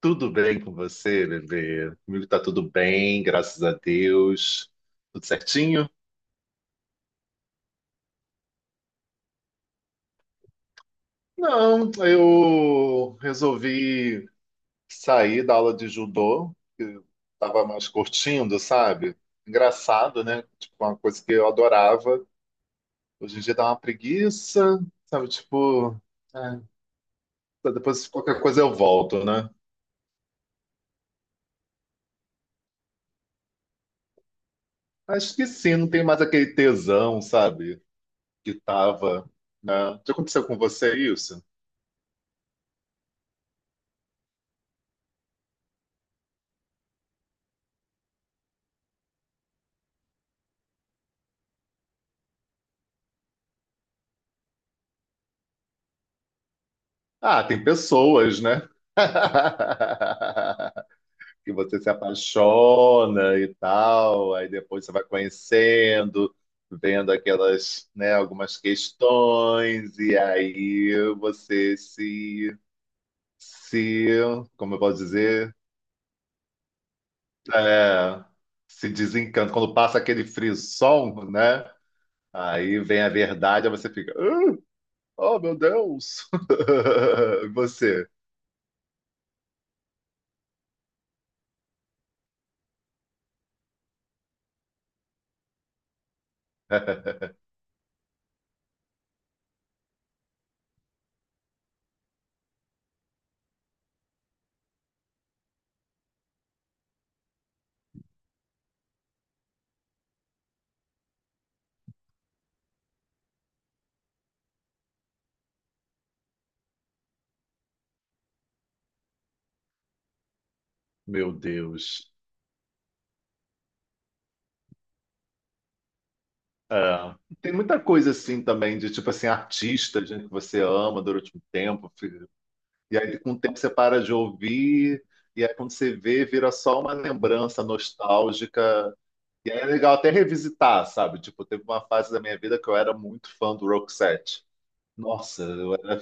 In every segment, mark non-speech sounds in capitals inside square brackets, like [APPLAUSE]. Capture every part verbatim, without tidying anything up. Tudo bem com você, bebê? Comigo tá tudo bem, graças a Deus. Tudo certinho? Não, eu resolvi sair da aula de judô, que eu tava mais curtindo, sabe? Engraçado, né? Tipo, uma coisa que eu adorava. Hoje em dia dá uma preguiça, sabe? Tipo, é, depois qualquer coisa eu volto, né? Acho que sim, não tem mais aquele tesão, sabe? Que tava, né? Já aconteceu com você isso? Ah, tem pessoas, né? [LAUGHS] Que você se apaixona e tal, aí depois você vai conhecendo, vendo aquelas, né, algumas questões, e aí você se, se, como eu posso dizer, É, se desencanta. Quando passa aquele frisson, né? Aí vem a verdade, aí você fica, "Ah, oh meu Deus! [LAUGHS] E você, meu Deus. É. Tem muita coisa assim também, de tipo assim, artista, gente que você ama durante um tempo, filho. E aí com o tempo você para de ouvir, e aí quando você vê, vira só uma lembrança nostálgica. E aí é legal até revisitar, sabe? Tipo, teve uma fase da minha vida que eu era muito fã do Roxette. Nossa, eu era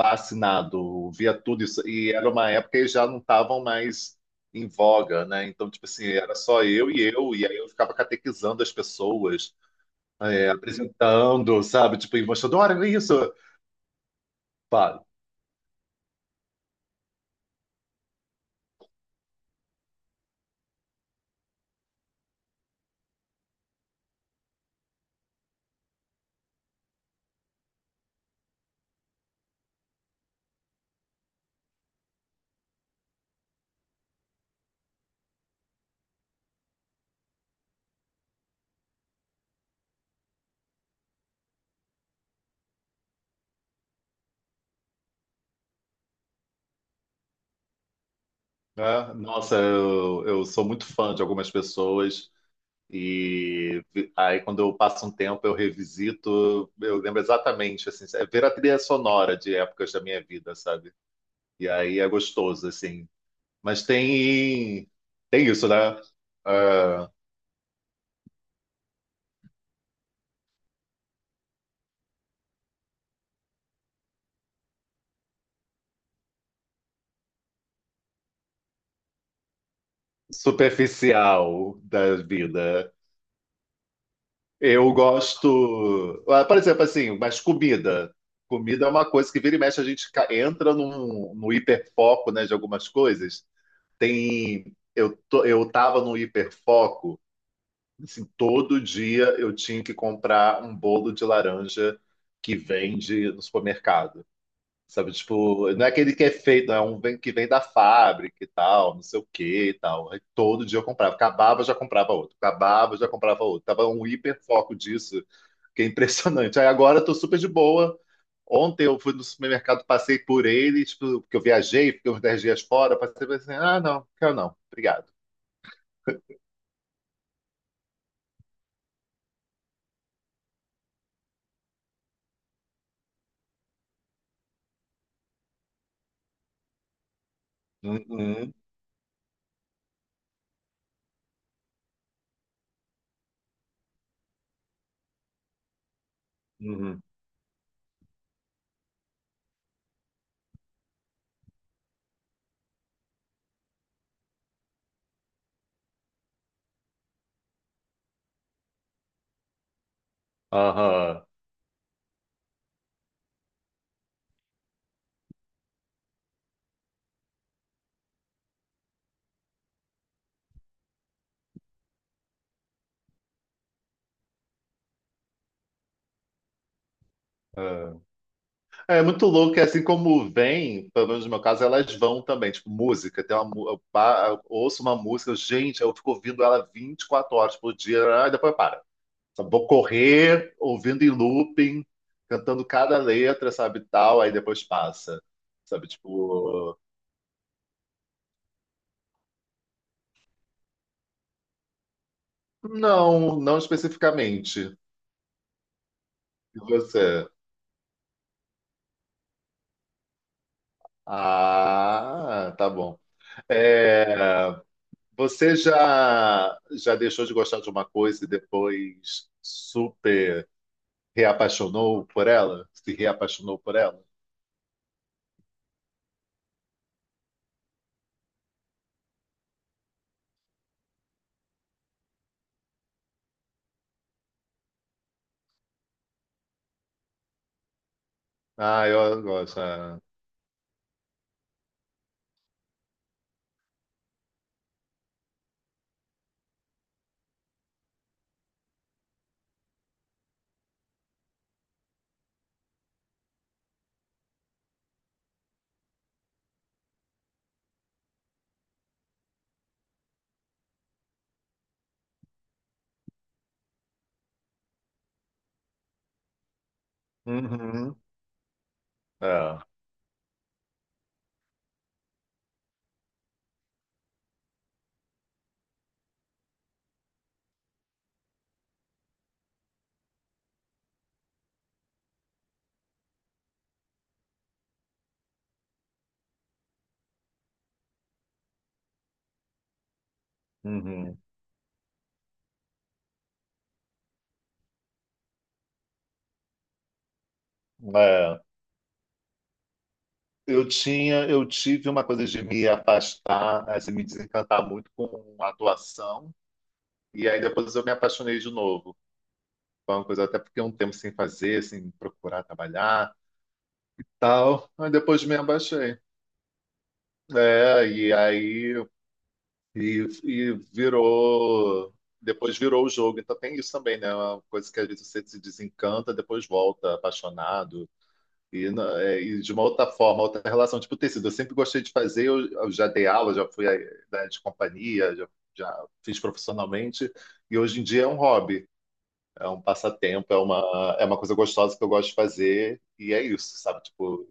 fascinado, via tudo isso. E era uma época que já não estavam mais em voga, né? Então, tipo assim, era só eu e eu, e aí eu ficava catequizando as pessoas é, apresentando, sabe? Tipo, e mostrando, olha isso. Pá, né? Nossa, eu, eu sou muito fã de algumas pessoas. E aí, quando eu passo um tempo, eu revisito, eu lembro exatamente, assim, é ver a trilha sonora de épocas da minha vida, sabe? E aí é gostoso, assim. Mas tem, tem isso, né? Ah, superficial da vida. Eu gosto. ah, Por exemplo, assim, mas comida. Comida é uma coisa que vira e mexe, a gente ca- entra num, no hiperfoco, né, de algumas coisas. Tem. Eu, tô, eu tava no hiperfoco, assim, todo dia eu tinha que comprar um bolo de laranja que vende no supermercado. Sabe, tipo, não é aquele que é feito, é um vem- que vem da fábrica e tal, não sei o que e tal. Aí todo dia eu comprava. Acabava, já comprava outro. Acabava, já comprava outro. Tava um hiperfoco disso que é impressionante. Aí agora eu tô super de boa. Ontem eu fui no supermercado, passei por ele, tipo, porque eu viajei, fiquei uns dez dias fora, passei por assim, ah, não, quero não, obrigado. Uhum, uhum, aham, aham. É muito louco, é assim como vem, pelo menos no meu caso, elas vão também, tipo, música, tem uma, mu- eu, pa- eu ouço uma música, gente, eu fico ouvindo ela vinte e quatro horas por dia, ah, depois para. Sabe? Vou correr ouvindo em looping, cantando cada letra, sabe, tal, aí depois passa. Sabe, tipo, não, não especificamente. E você? Ah, tá bom. É, você já já deixou de gostar de uma coisa e depois super reapaixonou por ela? Se reapaixonou por ela? Ah, eu gosto. É. Uhum. É. Uhum. É. Eu tinha, eu tive uma coisa de me afastar, assim, me desencantar muito com a atuação, e aí depois eu me apaixonei de novo. Foi uma coisa até porque um tempo sem fazer, sem procurar trabalhar, tal. Aí depois me abaixei. É, e aí e, e virou, depois virou o jogo. Então tem isso também, né? É uma coisa que às vezes você se desencanta, depois volta apaixonado. E, na- é, e de uma outra forma, outra relação, tipo tecido. Eu sempre gostei de fazer, eu, eu já dei aula, já fui eh, da de companhia, já, já fiz profissionalmente, e hoje em dia é um hobby, é um passatempo, é uma, é uma coisa gostosa que eu gosto de fazer, e é isso, sabe? Tipo,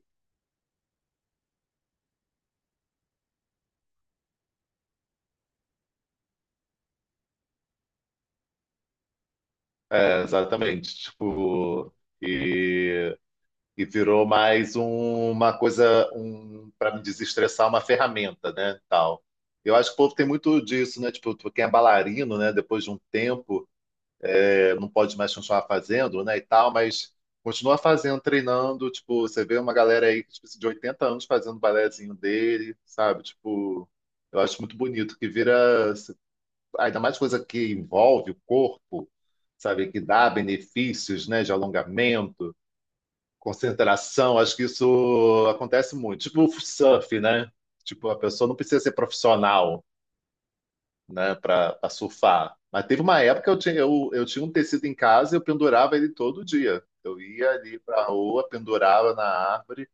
é, exatamente. Tipo, e, e virou mais um- uma coisa, um, para me desestressar, uma ferramenta, né? Tal. Eu acho que o povo tem muito disso, né? Tipo, quem é bailarino, né? Depois de um tempo. É, não pode mais continuar fazendo, né, e tal, mas continua fazendo, treinando, tipo, você vê uma galera aí tipo, de oitenta anos fazendo o balézinho dele, sabe? Tipo, eu acho muito bonito que vira, ainda mais coisa que envolve o corpo, sabe? Que dá benefícios, né, de alongamento, concentração, acho que isso acontece muito. Tipo o surf, né? Tipo, a pessoa não precisa ser profissional, né, para surfar. Mas teve uma época que eu tinha, eu, eu tinha um tecido em casa e eu pendurava ele todo dia. Eu ia ali para a rua, pendurava na árvore,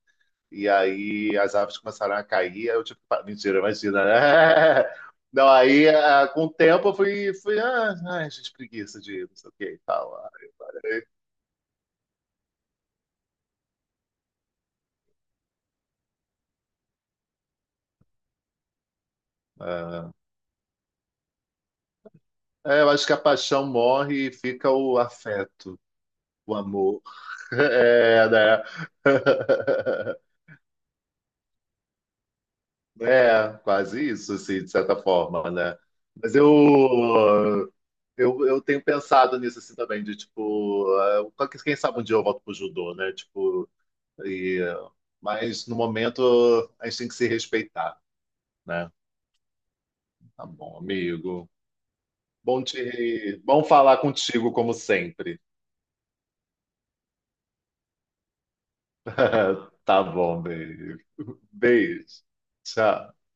e aí as árvores começaram a cair. Aí eu tipo, pá, mentira, imagina, né? [LAUGHS] Não, aí ah, com o tempo eu fui, fui ah, ai, gente, preguiça de não sei o que e tal. Ah, é, é, eu acho que a paixão morre e fica o afeto, o amor. [LAUGHS] É, né? [LAUGHS] É, quase isso, assim, de certa forma, né? Mas eu, eu, eu tenho pensado nisso assim também, de tipo, eh, qual que- quem sabe um dia eu volto pro judô, né? Tipo, e, eh, mas no momento a gente tem que se respeitar, né? Tá bom, amigo. Bom te, bom falar contigo como sempre. [LAUGHS] Tá bom, beijo. Beijo. Tchau.